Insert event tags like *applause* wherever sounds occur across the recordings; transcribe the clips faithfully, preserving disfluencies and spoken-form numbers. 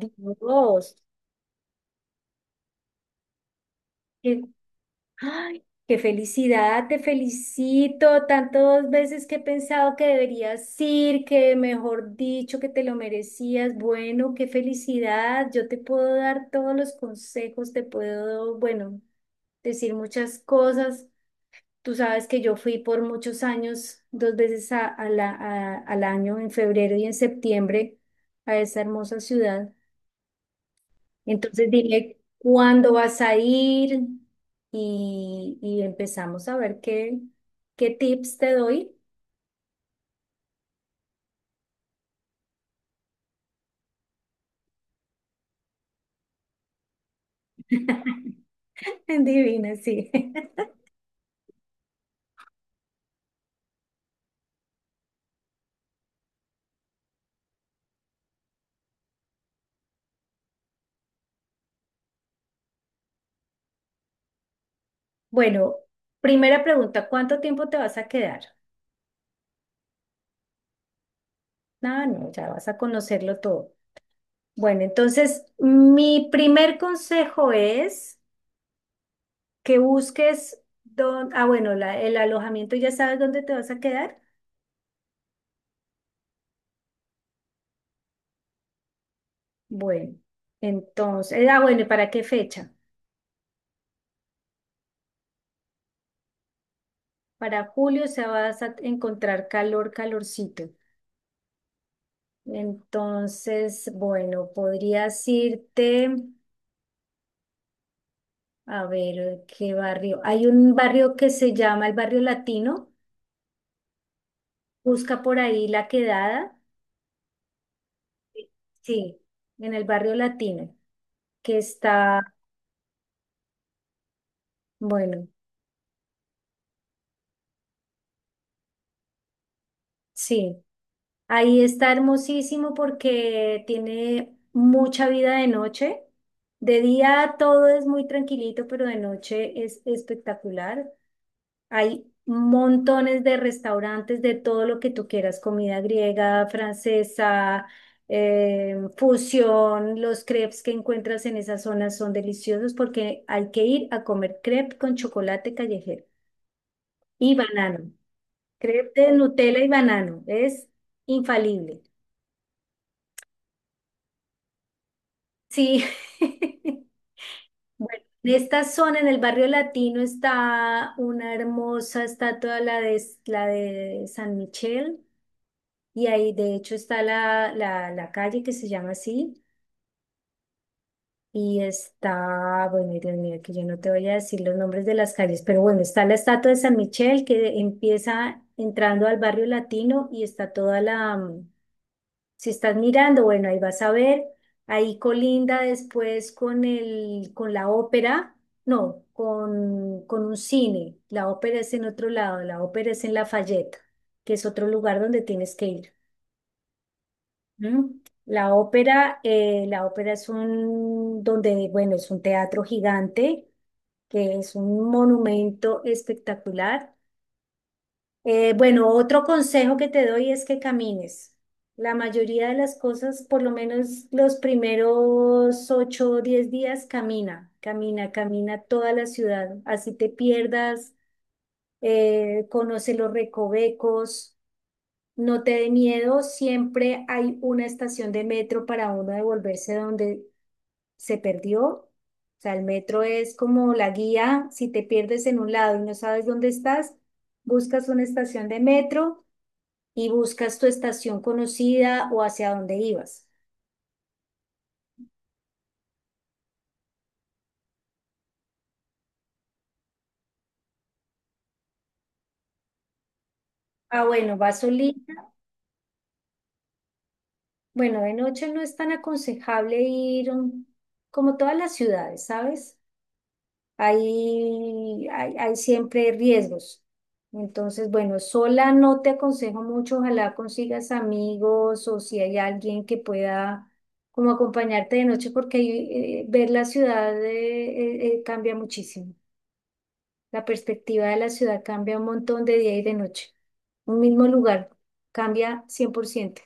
Dios, qué, ay, qué felicidad, te felicito. Tantas veces que he pensado que deberías ir, que mejor dicho, que te lo merecías. Bueno, qué felicidad. Yo te puedo dar todos los consejos, te puedo, bueno, decir muchas cosas. Tú sabes que yo fui por muchos años, dos veces a- a la- a- al año, en febrero y en septiembre, a esa hermosa ciudad. Entonces dime cuándo vas a ir y, y empezamos a ver qué, qué tips te doy. *laughs* Divina, sí. Bueno, primera pregunta, ¿cuánto tiempo te vas a quedar? Ah, no, ya vas a conocerlo todo. Bueno, entonces mi primer consejo es que busques don- ah, bueno, la- el alojamiento, ¿ya sabes dónde te vas a quedar? Bueno, entonces, ah, bueno, ¿y para qué fecha? Para julio se vas a encontrar calor, calorcito. Entonces, bueno, podrías irte a ver qué barrio. Hay un barrio que se llama el Barrio Latino. Busca por ahí la quedada. Sí, en el Barrio Latino, que está, bueno, sí. Ahí está hermosísimo porque tiene mucha vida de noche. De día todo es muy tranquilito, pero de noche es espectacular. Hay montones de restaurantes de todo lo que tú quieras, comida griega, francesa, eh, fusión. Los crepes que encuentras en esa zona son deliciosos porque hay que ir a comer crepe con chocolate callejero y banano. Crepe de Nutella y banano, es infalible. Sí. *laughs* Bueno, en esta zona, en el barrio latino, está una hermosa estatua, la de, la de San Michel. Y ahí de hecho está la, la, la calle que se llama así y está, bueno, Dios mío, que yo no te voy a decir los nombres de las calles, pero bueno, está la estatua de San Michel que empieza entrando al barrio latino y está toda la, mm, Si estás mirando, bueno, ahí vas a ver, ahí colinda después con el, con la ópera, no, con, con un cine, la ópera es en otro lado, la ópera es en Lafayette, que es otro lugar donde tienes que ir. ¿Mm? La ópera, eh, la ópera es un, donde, bueno, es un teatro gigante, que es un monumento espectacular. Eh, bueno, otro consejo que te doy es que camines. La mayoría de las cosas, por lo menos los primeros ocho o diez días, camina, camina, camina toda la ciudad. Así te pierdas, eh, conoce los recovecos. No te dé miedo, siempre hay una estación de metro para uno devolverse donde se perdió. O sea, el metro es como la guía, si te pierdes en un lado y no sabes dónde estás, buscas una estación de metro y buscas tu estación conocida o hacia dónde ibas. Ah, bueno, vas solita. Bueno, de noche no es tan aconsejable ir um, como todas las ciudades, ¿sabes? hay, hay, hay siempre riesgos. Entonces, bueno, sola no te aconsejo mucho, ojalá consigas amigos o si hay alguien que pueda como acompañarte de noche, porque ahí, eh, ver la ciudad eh, eh, eh, cambia muchísimo. La perspectiva de la ciudad cambia un montón de día y de noche. Un mismo lugar cambia cien por ciento.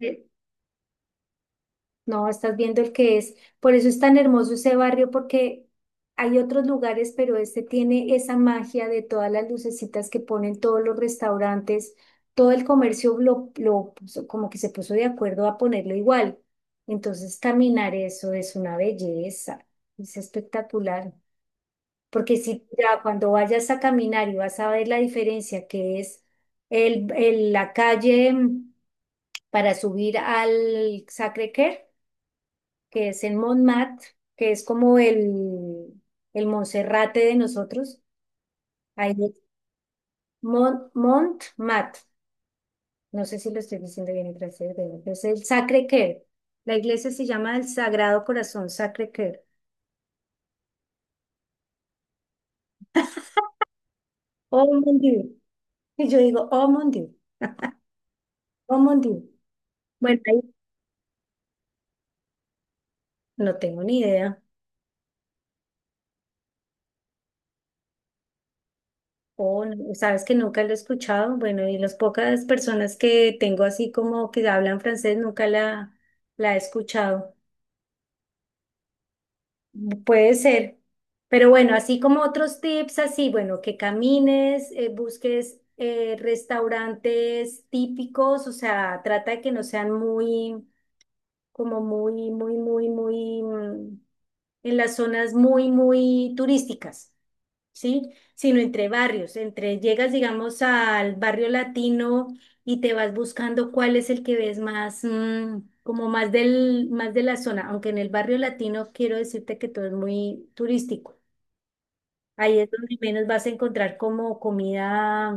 Bien. No, estás viendo el que es. Por eso es tan hermoso ese barrio, porque hay otros lugares, pero este tiene esa magia de todas las lucecitas que ponen todos los restaurantes, todo el comercio lo, lo puso- como que se puso de acuerdo a ponerlo igual. Entonces, caminar eso es una belleza, es espectacular. Porque si ya cuando vayas a caminar y vas a ver la diferencia que es el, el- la calle mm, para subir al Sacré-Cœur, que es en Montmartre, que es como el, el Monserrate de nosotros. Ahí es Mont, Montmartre, no sé si lo estoy diciendo bien en francés, pero es el Sacré-Cœur. La iglesia se llama el Sagrado Corazón Sacré-Cœur. Oh mon Dieu. Y yo digo, oh mon Dieu, oh mon Dieu. Bueno, ahí no tengo ni idea. Oh, no, sabes que nunca lo he escuchado. Bueno, y las pocas personas que tengo así como que hablan francés nunca la, la he escuchado. Puede ser. Pero bueno, así como otros tips, así, bueno, que camines, eh, busques eh, restaurantes típicos, o sea, trata de que no sean muy, como muy, muy, muy, muy, mm, en las zonas muy, muy turísticas. ¿Sí? Sino entre barrios, entre llegas, digamos, al barrio latino y te vas buscando cuál es el que ves más, mm, como más del, más de la zona, aunque en el barrio latino quiero decirte que todo es muy turístico. Ahí es donde menos vas a encontrar como comida,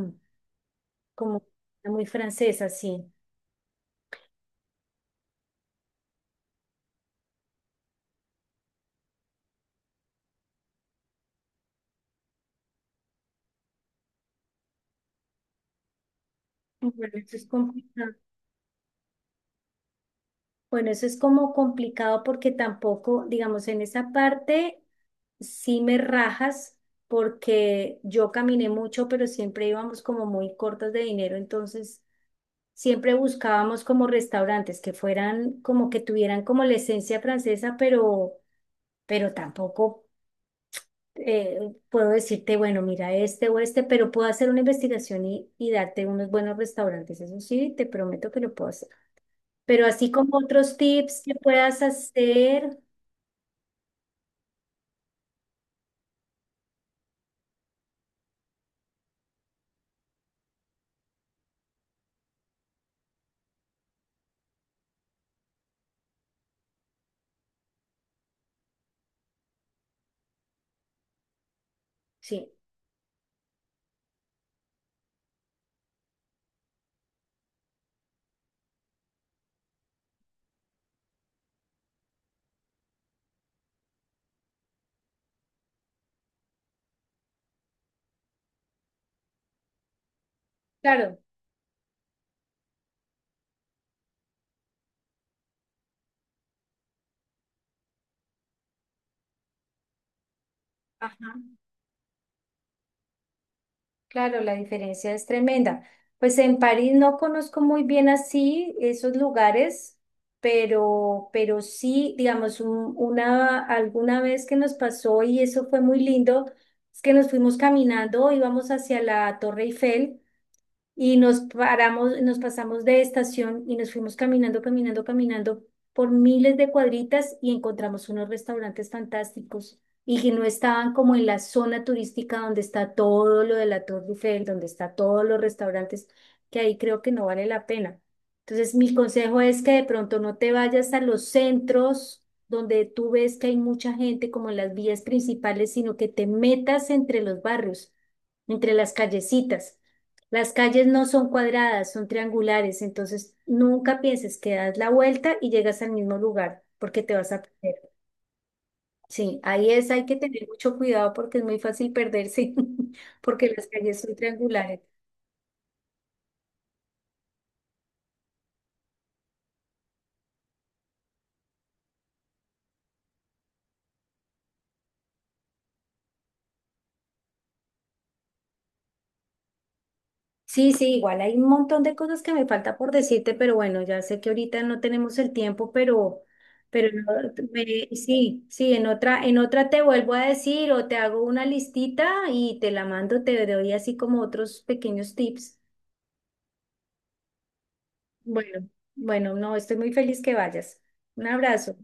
como muy francesa, sí. Bueno, eso es complicado. Bueno, eso es como complicado porque tampoco, digamos, en esa parte sí me rajas porque yo caminé mucho, pero siempre íbamos como muy cortas de dinero, entonces siempre buscábamos como restaurantes que fueran como que tuvieran como la esencia francesa, pero, pero tampoco eh, puedo decirte, bueno, mira este o este, pero puedo hacer una investigación y, y darte unos buenos restaurantes, eso sí, te prometo que lo puedo hacer. Pero así como otros tips que puedas hacer, sí, claro. Ajá. Claro, la diferencia es tremenda. Pues en París no conozco muy bien así esos lugares, pero, pero sí, digamos, un- una, alguna vez que nos pasó y eso fue muy lindo, es que nos fuimos caminando, íbamos hacia la Torre Eiffel y nos paramos, nos pasamos de estación y nos fuimos caminando, caminando, caminando por miles de cuadritas y encontramos unos restaurantes fantásticos y que no estaban como en la zona turística donde está todo lo de la Torre Eiffel, donde está todos los restaurantes, que ahí creo que no vale la pena. Entonces, mi consejo es que de pronto no te vayas a los centros donde tú ves que hay mucha gente como en las vías principales, sino que te metas entre los barrios, entre las callecitas las calles no son cuadradas, son triangulares, entonces nunca pienses que das la vuelta y llegas al mismo lugar porque te vas a perder. Sí, ahí es, hay que tener mucho cuidado porque es muy fácil perderse, *laughs* porque las calles son triangulares. Sí, sí, igual hay un montón de cosas que me falta por decirte, pero bueno, ya sé que ahorita no tenemos el tiempo, pero, pero no, me- sí, sí, en otra, en otra te vuelvo a decir o te hago una listita y te la mando, te doy así como otros pequeños tips. Bueno, bueno, no, estoy muy feliz que vayas. Un abrazo.